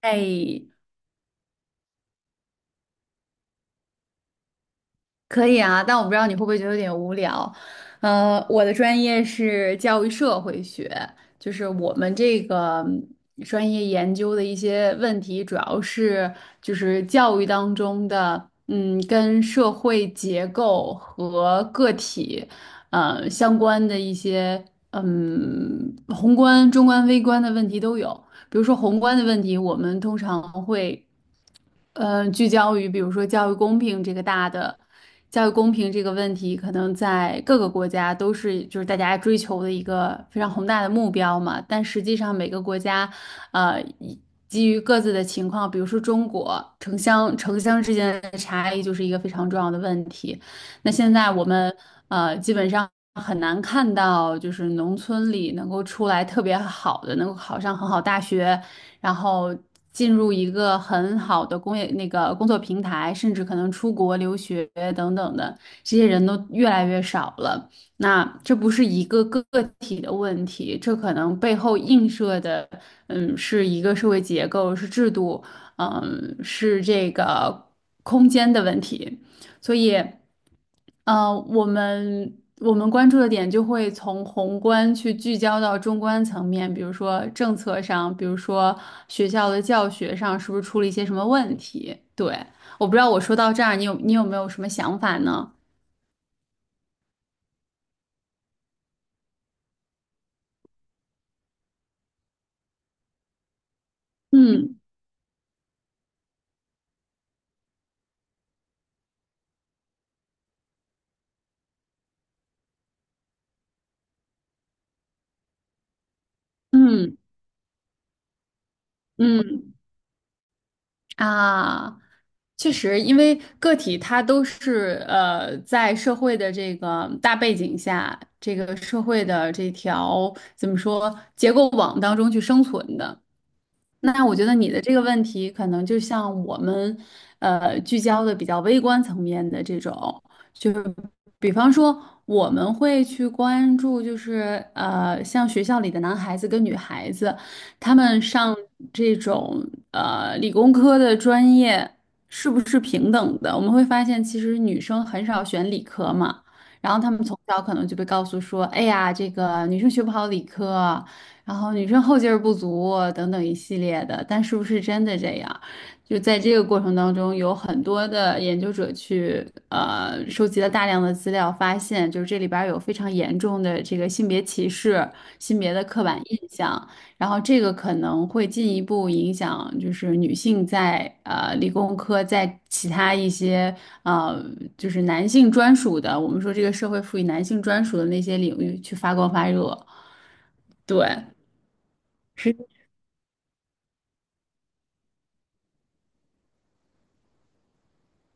哎，可以啊，但我不知道你会不会觉得有点无聊。我的专业是教育社会学，就是我们这个专业研究的一些问题，主要是就是教育当中的，跟社会结构和个体，相关的一些，宏观、中观、微观的问题都有。比如说宏观的问题，我们通常会。聚焦于比如说教育公平这个大的教育公平这个问题，可能在各个国家都是就是大家追求的一个非常宏大的目标嘛。但实际上每个国家，呃，以基于各自的情况，比如说中国城乡之间的差异就是一个非常重要的问题。那现在我们基本上。很难看到，就是农村里能够出来特别好的，能够考上很好大学，然后进入一个很好的工业那个工作平台，甚至可能出国留学等等的，这些人都越来越少了。那这不是一个个体的问题，这可能背后映射的，是一个社会结构，是制度，是这个空间的问题，所以。我们关注的点就会从宏观去聚焦到中观层面，比如说政策上，比如说学校的教学上，是不是出了一些什么问题？对，我不知道我说到这儿，你有没有什么想法呢？嗯。嗯嗯啊，确实，因为个体它都是在社会的这个大背景下，这个社会的这条怎么说结构网当中去生存的。那我觉得你的这个问题，可能就像我们，聚焦的比较微观层面的这种，就是比方说，我们会去关注，就是像学校里的男孩子跟女孩子，他们上这种理工科的专业是不是平等的？我们会发现，其实女生很少选理科嘛，然后他们从小可能就被告诉说，哎呀，这个女生学不好理科，然后女生后劲儿不足啊等等一系列的，但是不是真的这样？就在这个过程当中，有很多的研究者去收集了大量的资料，发现就是这里边儿有非常严重的这个性别歧视、性别的刻板印象，然后这个可能会进一步影响就是女性在理工科在其他一些呃就是男性专属的，我们说这个社会赋予男性专属的那些领域去发光发热，对。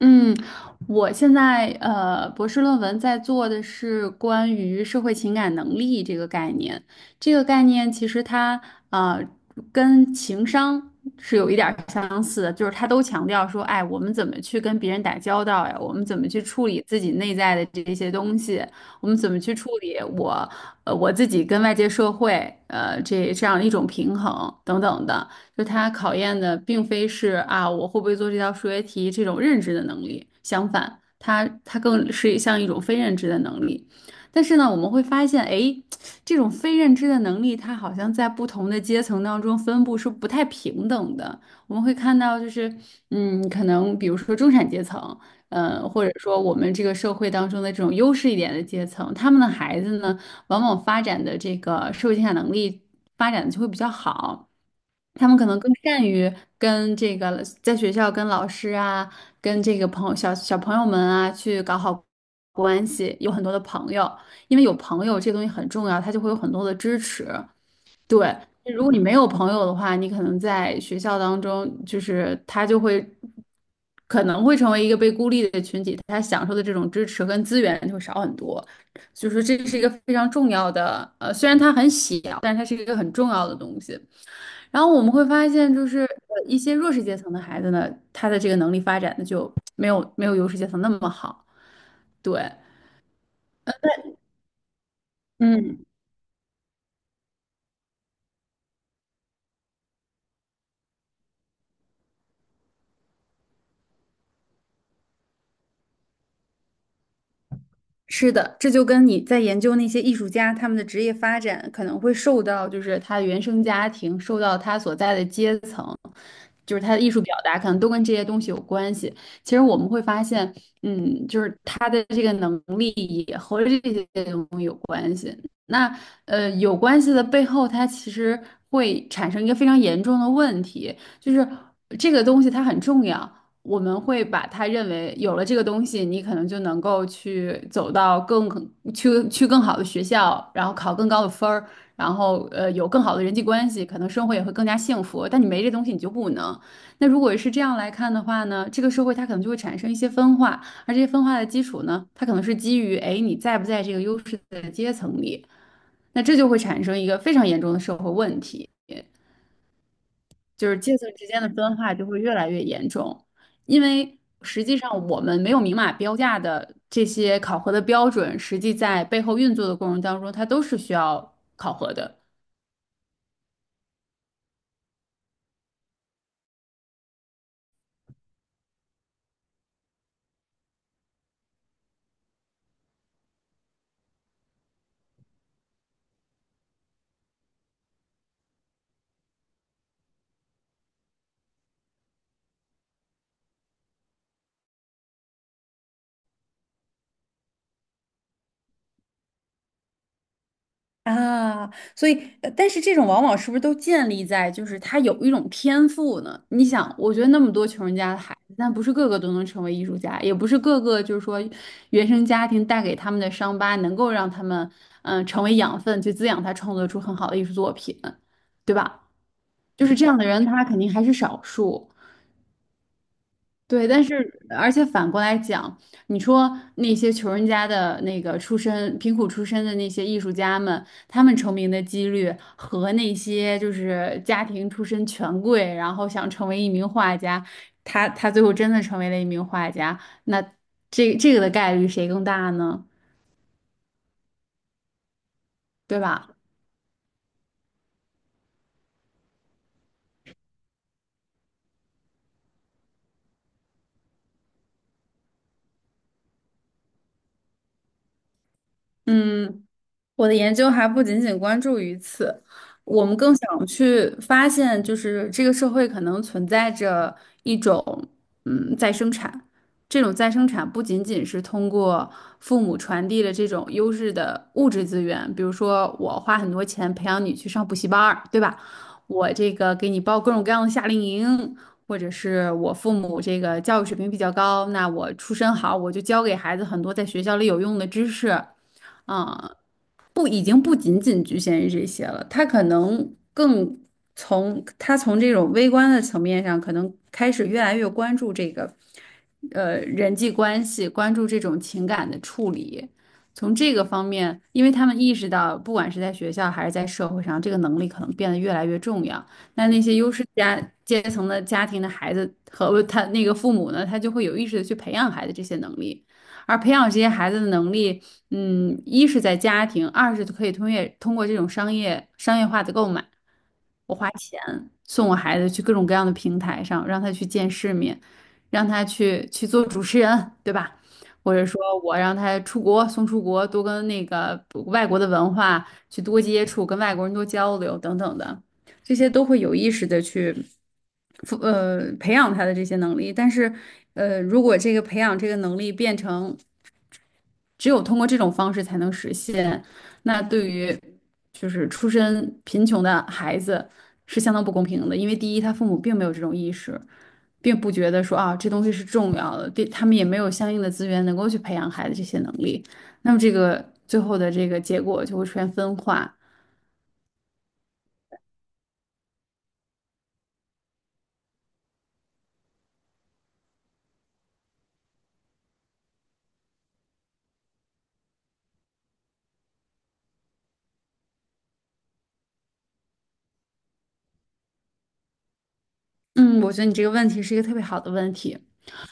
嗯，我现在博士论文在做的是关于社会情感能力这个概念。这个概念其实它呃跟情商是有一点儿相似的，就是它都强调说，哎，我们怎么去跟别人打交道呀？我们怎么去处理自己内在的这些东西？我们怎么去处理我呃我自己跟外界社会这样一种平衡等等的。就它考验的并非是啊我会不会做这道数学题这种认知的能力，相反，它更是像一种非认知的能力。但是呢，我们会发现，哎，这种非认知的能力，它好像在不同的阶层当中分布是不太平等的。我们会看到，就是可能比如说中产阶层。或者说我们这个社会当中的这种优势一点的阶层，他们的孩子呢，往往发展的这个社会竞赛能力发展的就会比较好。他们可能更善于跟这个在学校跟老师啊，跟这个朋友小朋友们啊去搞好关系，有很多的朋友，因为有朋友这个东西很重要，他就会有很多的支持。对，如果你没有朋友的话，你可能在学校当中，就是他就会可能会成为一个被孤立的群体，他享受的这种支持跟资源就会少很多。所以说，这是一个非常重要的，虽然它很小，但是它是一个很重要的东西。然后我们会发现，就是一些弱势阶层的孩子呢，他的这个能力发展的就没有优势阶层那么好。对，嗯。是的，这就跟你在研究那些艺术家他们的职业发展可能会受到，就是他的原生家庭，受到他所在的阶层，就是他的艺术表达，可能都跟这些东西有关系。其实我们会发现，就是他的这个能力也和这些东西有关系。那有关系的背后，它其实会产生一个非常严重的问题，就是这个东西它很重要。我们会把它认为有了这个东西，你可能就能够去走到更去更好的学校，然后考更高的分儿，然后有更好的人际关系，可能生活也会更加幸福。但你没这东西，你就不能。那如果是这样来看的话呢，这个社会它可能就会产生一些分化，而这些分化的基础呢，它可能是基于哎你在不在这个优势的阶层里，那这就会产生一个非常严重的社会问题。就是阶层之间的分化就会越来越严重，因为实际上我们没有明码标价的这些考核的标准，实际在背后运作的过程当中，它都是需要考核的。啊，所以，但是这种往往是不是都建立在就是他有一种天赋呢？你想，我觉得那么多穷人家的孩子，但不是个个都能成为艺术家，也不是个个就是说原生家庭带给他们的伤疤能够让他们成为养分去滋养他创作出很好的艺术作品，对吧？就是这样的人，他肯定还是少数。对，但是而且反过来讲，你说那些穷人家的那个出身、贫苦出身的那些艺术家们，他们成名的几率和那些就是家庭出身权贵，然后想成为一名画家，他最后真的成为了一名画家，那这个的概率谁更大呢？对吧？嗯，我的研究还不仅仅关注于此，我们更想去发现，就是这个社会可能存在着一种，再生产。这种再生产不仅仅是通过父母传递的这种优质的物质资源，比如说我花很多钱培养你去上补习班儿，对吧？我这个给你报各种各样的夏令营，或者是我父母这个教育水平比较高，那我出身好，我就教给孩子很多在学校里有用的知识。啊，不，已经不仅仅局限于这些了，他可能更从这种微观的层面上，可能开始越来越关注这个，人际关系，关注这种情感的处理。从这个方面，因为他们意识到，不管是在学校还是在社会上，这个能力可能变得越来越重要。那那些优势家阶层的家庭的孩子和他那个父母呢，他就会有意识的去培养孩子这些能力，而培养这些孩子的能力。一是在家庭，二是可以通过这种商业化的购买，我花钱送我孩子去各种各样的平台上，让他去见世面，让他去做主持人，对吧？或者说我让他出国，送出国，多跟那个外国的文化去多接触，跟外国人多交流等等的，这些都会有意识的去，培养他的这些能力。但是，如果这个培养这个能力变成只有通过这种方式才能实现。那对于就是出身贫穷的孩子是相当不公平的，因为第一，他父母并没有这种意识，并不觉得说啊这东西是重要的，对他们也没有相应的资源能够去培养孩子这些能力。那么这个最后的这个结果就会出现分化。嗯，我觉得你这个问题是一个特别好的问题。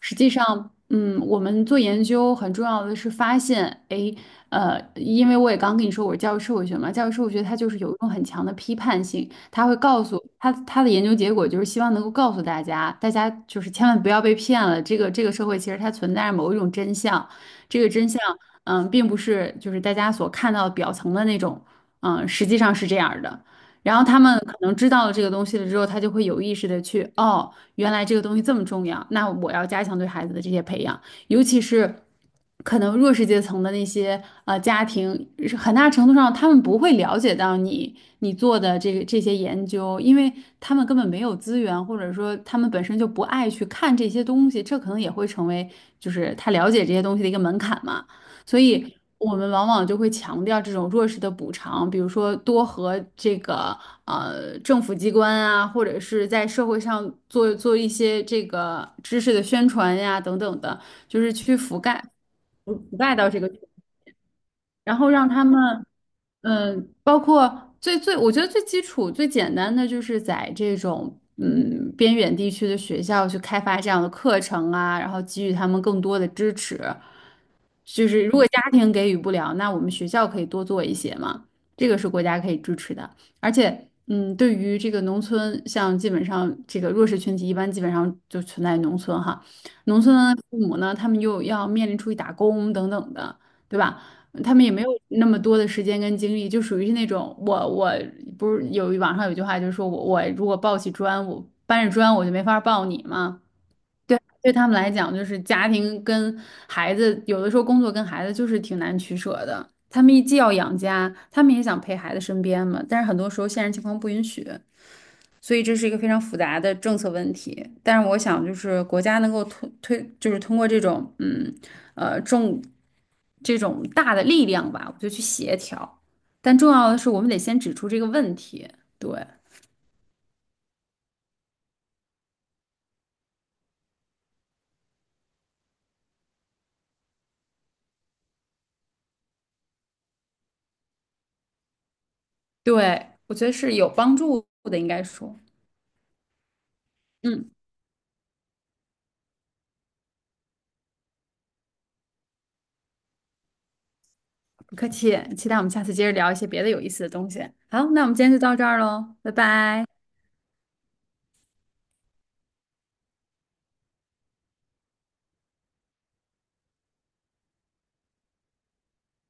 实际上，嗯，我们做研究很重要的是发现，诶，因为我也刚跟你说我是教育社会学嘛，教育社会学它就是有一种很强的批判性，它会告诉它的研究结果就是希望能够告诉大家，大家就是千万不要被骗了，这个社会其实它存在着某一种真相，这个真相，嗯，并不是就是大家所看到表层的那种，嗯，实际上是这样儿的。然后他们可能知道了这个东西了之后，他就会有意识的去，哦，原来这个东西这么重要，那我要加强对孩子的这些培养，尤其是可能弱势阶层的那些家庭，是很大程度上他们不会了解到你做的这些研究，因为他们根本没有资源，或者说他们本身就不爱去看这些东西，这可能也会成为就是他了解这些东西的一个门槛嘛。所以我们往往就会强调这种弱势的补偿，比如说多和这个政府机关啊，或者是在社会上做一些这个知识的宣传呀等等的，就是去覆盖到这个，然后让他们包括最我觉得最基础最简单的就是在这种。嗯，边远地区的学校去开发这样的课程啊，然后给予他们更多的支持。就是如果家庭给予不了，那我们学校可以多做一些嘛，这个是国家可以支持的。而且，嗯，对于这个农村，像基本上这个弱势群体，一般基本上就存在农村哈，农村的父母呢，他们又要面临出去打工等等的，对吧？他们也没有那么多的时间跟精力，就属于是那种我不是有网上有句话就是说我如果抱起砖，我搬着砖我就没法抱你嘛。对，对他们来讲，就是家庭跟孩子，有的时候工作跟孩子就是挺难取舍的。他们既要养家，他们也想陪孩子身边嘛，但是很多时候现实情况不允许，所以这是一个非常复杂的政策问题。但是我想，就是国家能够推，就是通过这种嗯呃重这种大的力量吧，我就去协调。但重要的是，我们得先指出这个问题。对，对，我觉得是有帮助的，应该说，嗯。不客气，期待我们下次接着聊一些别的有意思的东西。好，那我们今天就到这儿喽，拜拜。